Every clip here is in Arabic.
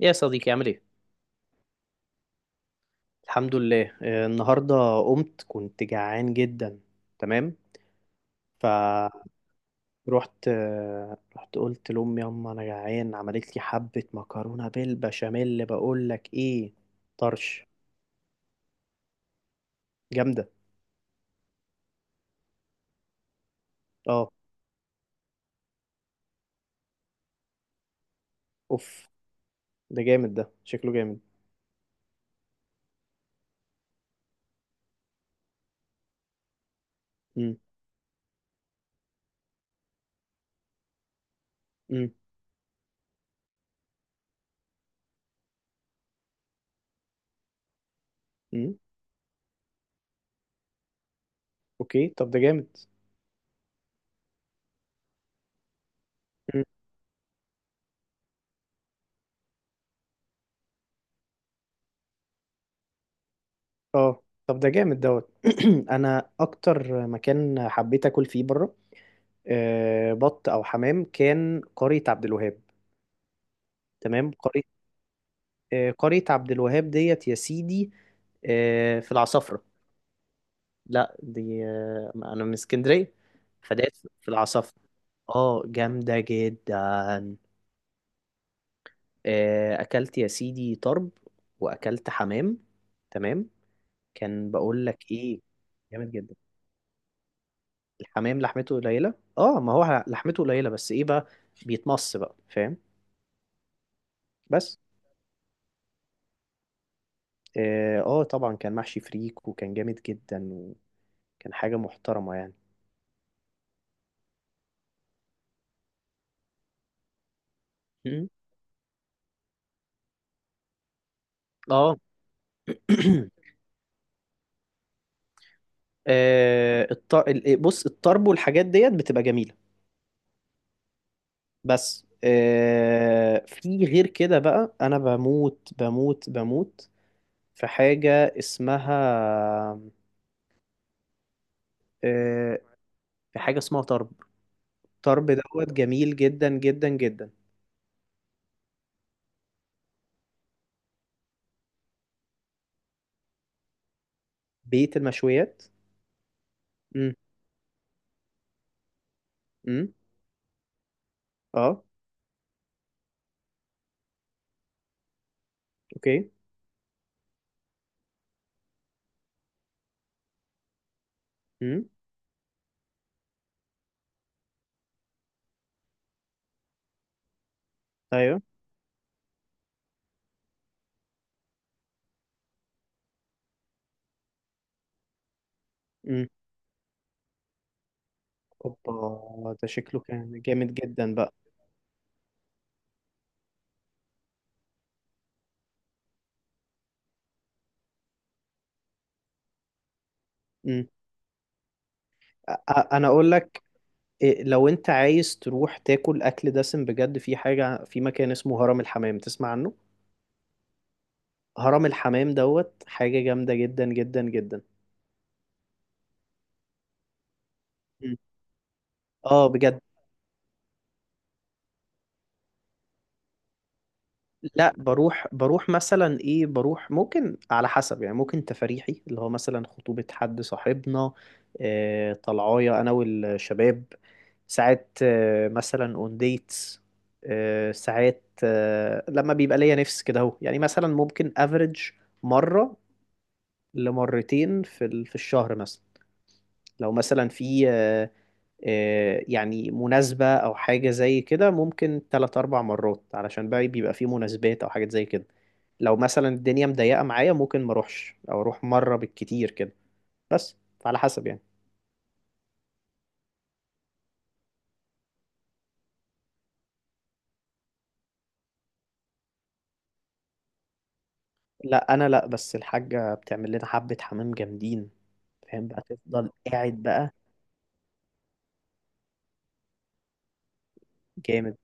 يا صديقي عامل ايه؟ الحمد لله، النهارده قمت كنت جعان جدا. تمام. فروحت. رحت قلت لأمي يما انا جعان، عملت لي حبة مكرونة بالبشاميل، بقول لك ايه؟ طرش جامدة. اه، اوف، ده جامد، ده شكله جامد. امم امم امم اوكي طب ده جامد. مم. اه طب ده جامد دوت. انا اكتر مكان حبيت اكل فيه بره، بط او حمام، كان قرية عبد الوهاب. تمام. قرية عبد الوهاب ديت يا سيدي، في العصافرة. لا، دي انا من اسكندرية، فديت في العصافرة. اه جامدة جدا. اكلت يا سيدي طرب، واكلت حمام. تمام. كان بقول لك ايه؟ جامد جدا. الحمام لحمته قليلة، اه ما هو لحمته قليلة بس ايه بقى، بيتمص بقى، فاهم؟ بس اه، طبعا كان محشي فريك وكان جامد جدا، وكان حاجة محترمة يعني. م- اه. آه، الط... ال- آه، بص، الطرب والحاجات ديت بتبقى جميلة، بس في غير كده بقى، أنا بموت بموت بموت. في حاجة اسمها، آه، في حاجة اسمها طرب. طرب دوت جميل جدا جدا جدا. بيت المشويات. امم امم اه، اوكي. امم. ايوه. امم. اوبا، ده شكله كان جامد جدا بقى. امم. انا اقول لك، لو انت عايز تروح تاكل اكل دسم بجد في حاجة، في مكان اسمه هرم الحمام، تسمع عنه؟ هرم الحمام دوت حاجة جامدة جدا جدا جدا. مم. اه بجد. لا، بروح مثلا ايه، بروح ممكن على حسب يعني، ممكن تفريحي اللي هو مثلا خطوبة حد صاحبنا، آه طلعايا انا والشباب، ساعات آه مثلا اون ديتس، آه ساعات آه لما بيبقى ليا نفس كده اهو يعني، مثلا ممكن افريج مرة لمرتين في الشهر مثلا. لو مثلا في يعني مناسبة أو حاجة زي كده ممكن تلات أربع مرات، علشان بقى بيبقى في مناسبات أو حاجات زي كده. لو مثلا الدنيا مضيقة معايا ممكن ما أروحش أو أروح مرة بالكتير كده. بس، فعلى حسب يعني. لا أنا لا، بس الحاجة بتعمل لنا حبة حمام جامدين، فاهم بقى؟ تفضل قاعد بقى. جامد.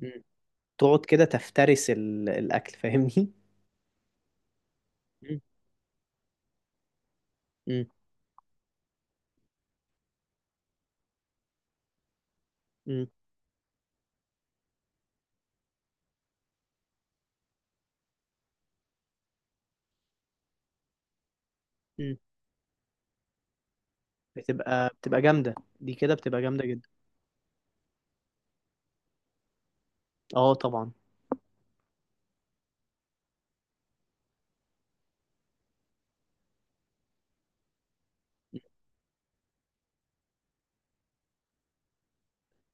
مم. تقعد كده تفترس الأكل، فاهمني؟ مم. مم. مم. مم. بتبقى جامدة، دي كده بتبقى جامدة جدا. اه طبعا.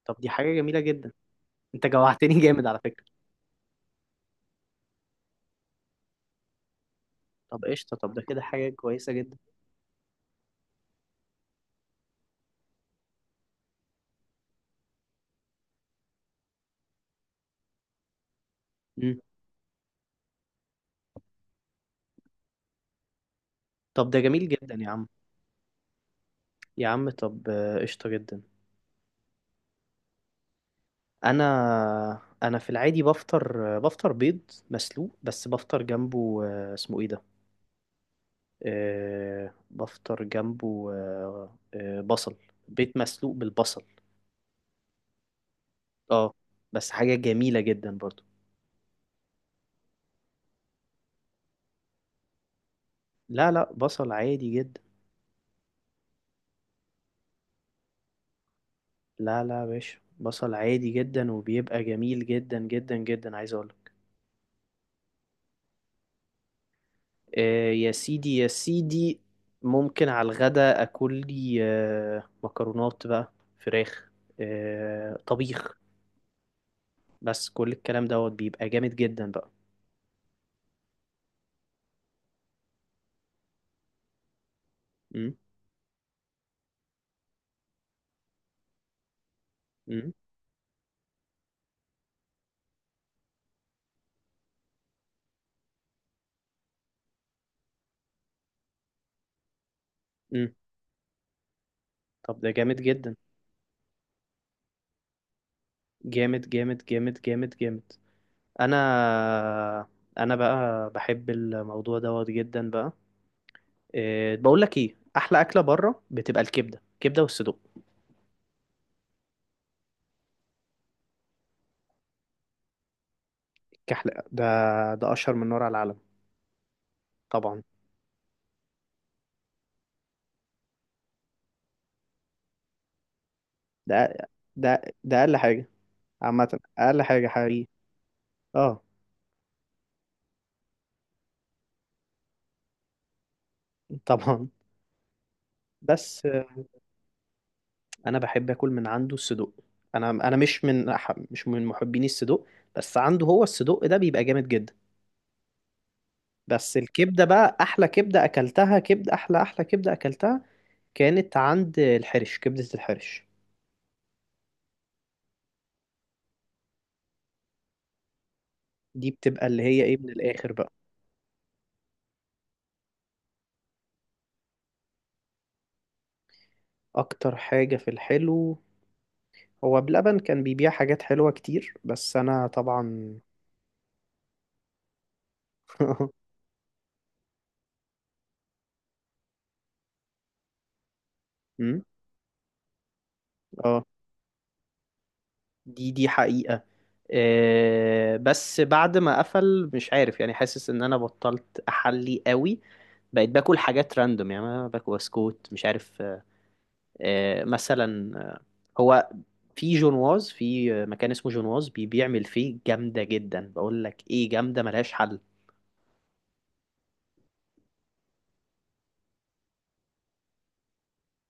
طب دي حاجة جميلة جدا، انت جوعتني جامد على فكرة. طب قشطة، طب ده كده حاجة كويسة جدا. مم. طب ده جميل جدا يا عم. يا عم طب، قشطة جدا. انا انا في العادي بفطر، بفطر بيض مسلوق، بس بفطر جنبه، اسمه ايه ده، بفطر جنبه، بصل. بيض مسلوق بالبصل، اه. بس حاجة جميلة جدا برضو. لا لا، بصل عادي جدا. لا لا يا باشا، بصل عادي جدا وبيبقى جميل جدا جدا جدا، عايز اقول. آه يا سيدي يا سيدي، ممكن على الغدا اكل لي آه مكرونات بقى، فراخ، آه طبيخ، بس كل الكلام دوت بيبقى جامد جدا بقى. م؟ م؟ م؟ طب ده جامد جدا، جامد جامد جامد جامد جامد. انا، انا بقى بحب الموضوع دوت جدا بقى. آه بقول لك ايه، احلى اكله بره بتبقى الكبده، كبده والصدوق. كحلقة ده، ده أشهر من نار على العالم. طبعا. ده ده أقل حاجة، عامة أقل حاجة حقيقي. اه. طبعا. بس أنا بحب أكل من عنده الصدوق، أنا مش من مش من محبيني الصدوق، بس عنده هو الصدوق ده بيبقى جامد جدا. بس الكبدة بقى، أحلى كبدة أكلتها، كبدة، أحلى أحلى كبدة أكلتها كانت عند الحرش، كبدة الحرش. دي بتبقى اللي هي إيه من الآخر بقى. أكتر حاجة في الحلو، هو بلبن كان بيبيع حاجات حلوة كتير بس أنا طبعا أمم، اه، دي حقيقة. بس بعد ما قفل مش عارف يعني، حاسس ان انا بطلت احلي قوي. بقيت باكل حاجات راندوم يعني، انا باكل بسكوت مش عارف، مثلا، هو في جونواز، في مكان اسمه جونواز بيبيع ملفيه جامدة جدا، بقول لك ايه جامدة ملهاش حل.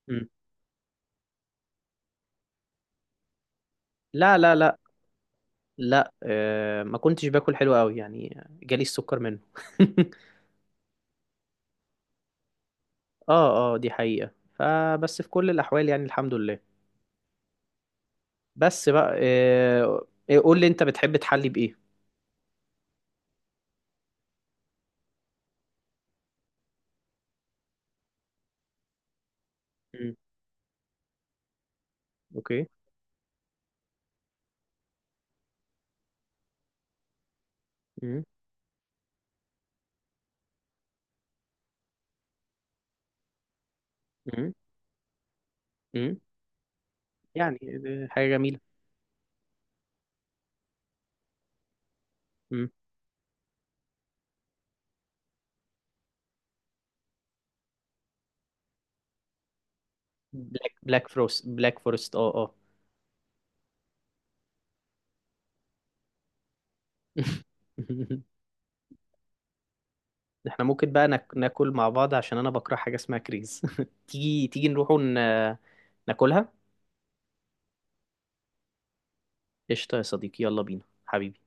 مم. لا لا لا، لا ما كنتش باكل حلو قوي يعني جالي السكر منه اه اه، دي حقيقة، فبس في كل الأحوال يعني الحمد لله. بس بقى، قول لي أنت بتحب تحلي بإيه؟ مم. أوكي. مم. مم. مم. يعني، حاجة جميلة. مم. بلاك فروست، بلاك فورست اه اه. احنا ممكن بقى ناكل مع بعض عشان أنا بكره حاجة اسمها كريز تيجي تيجي نروح ون... ناكلها. قشطة يا صديقي، يلا بينا حبيبي.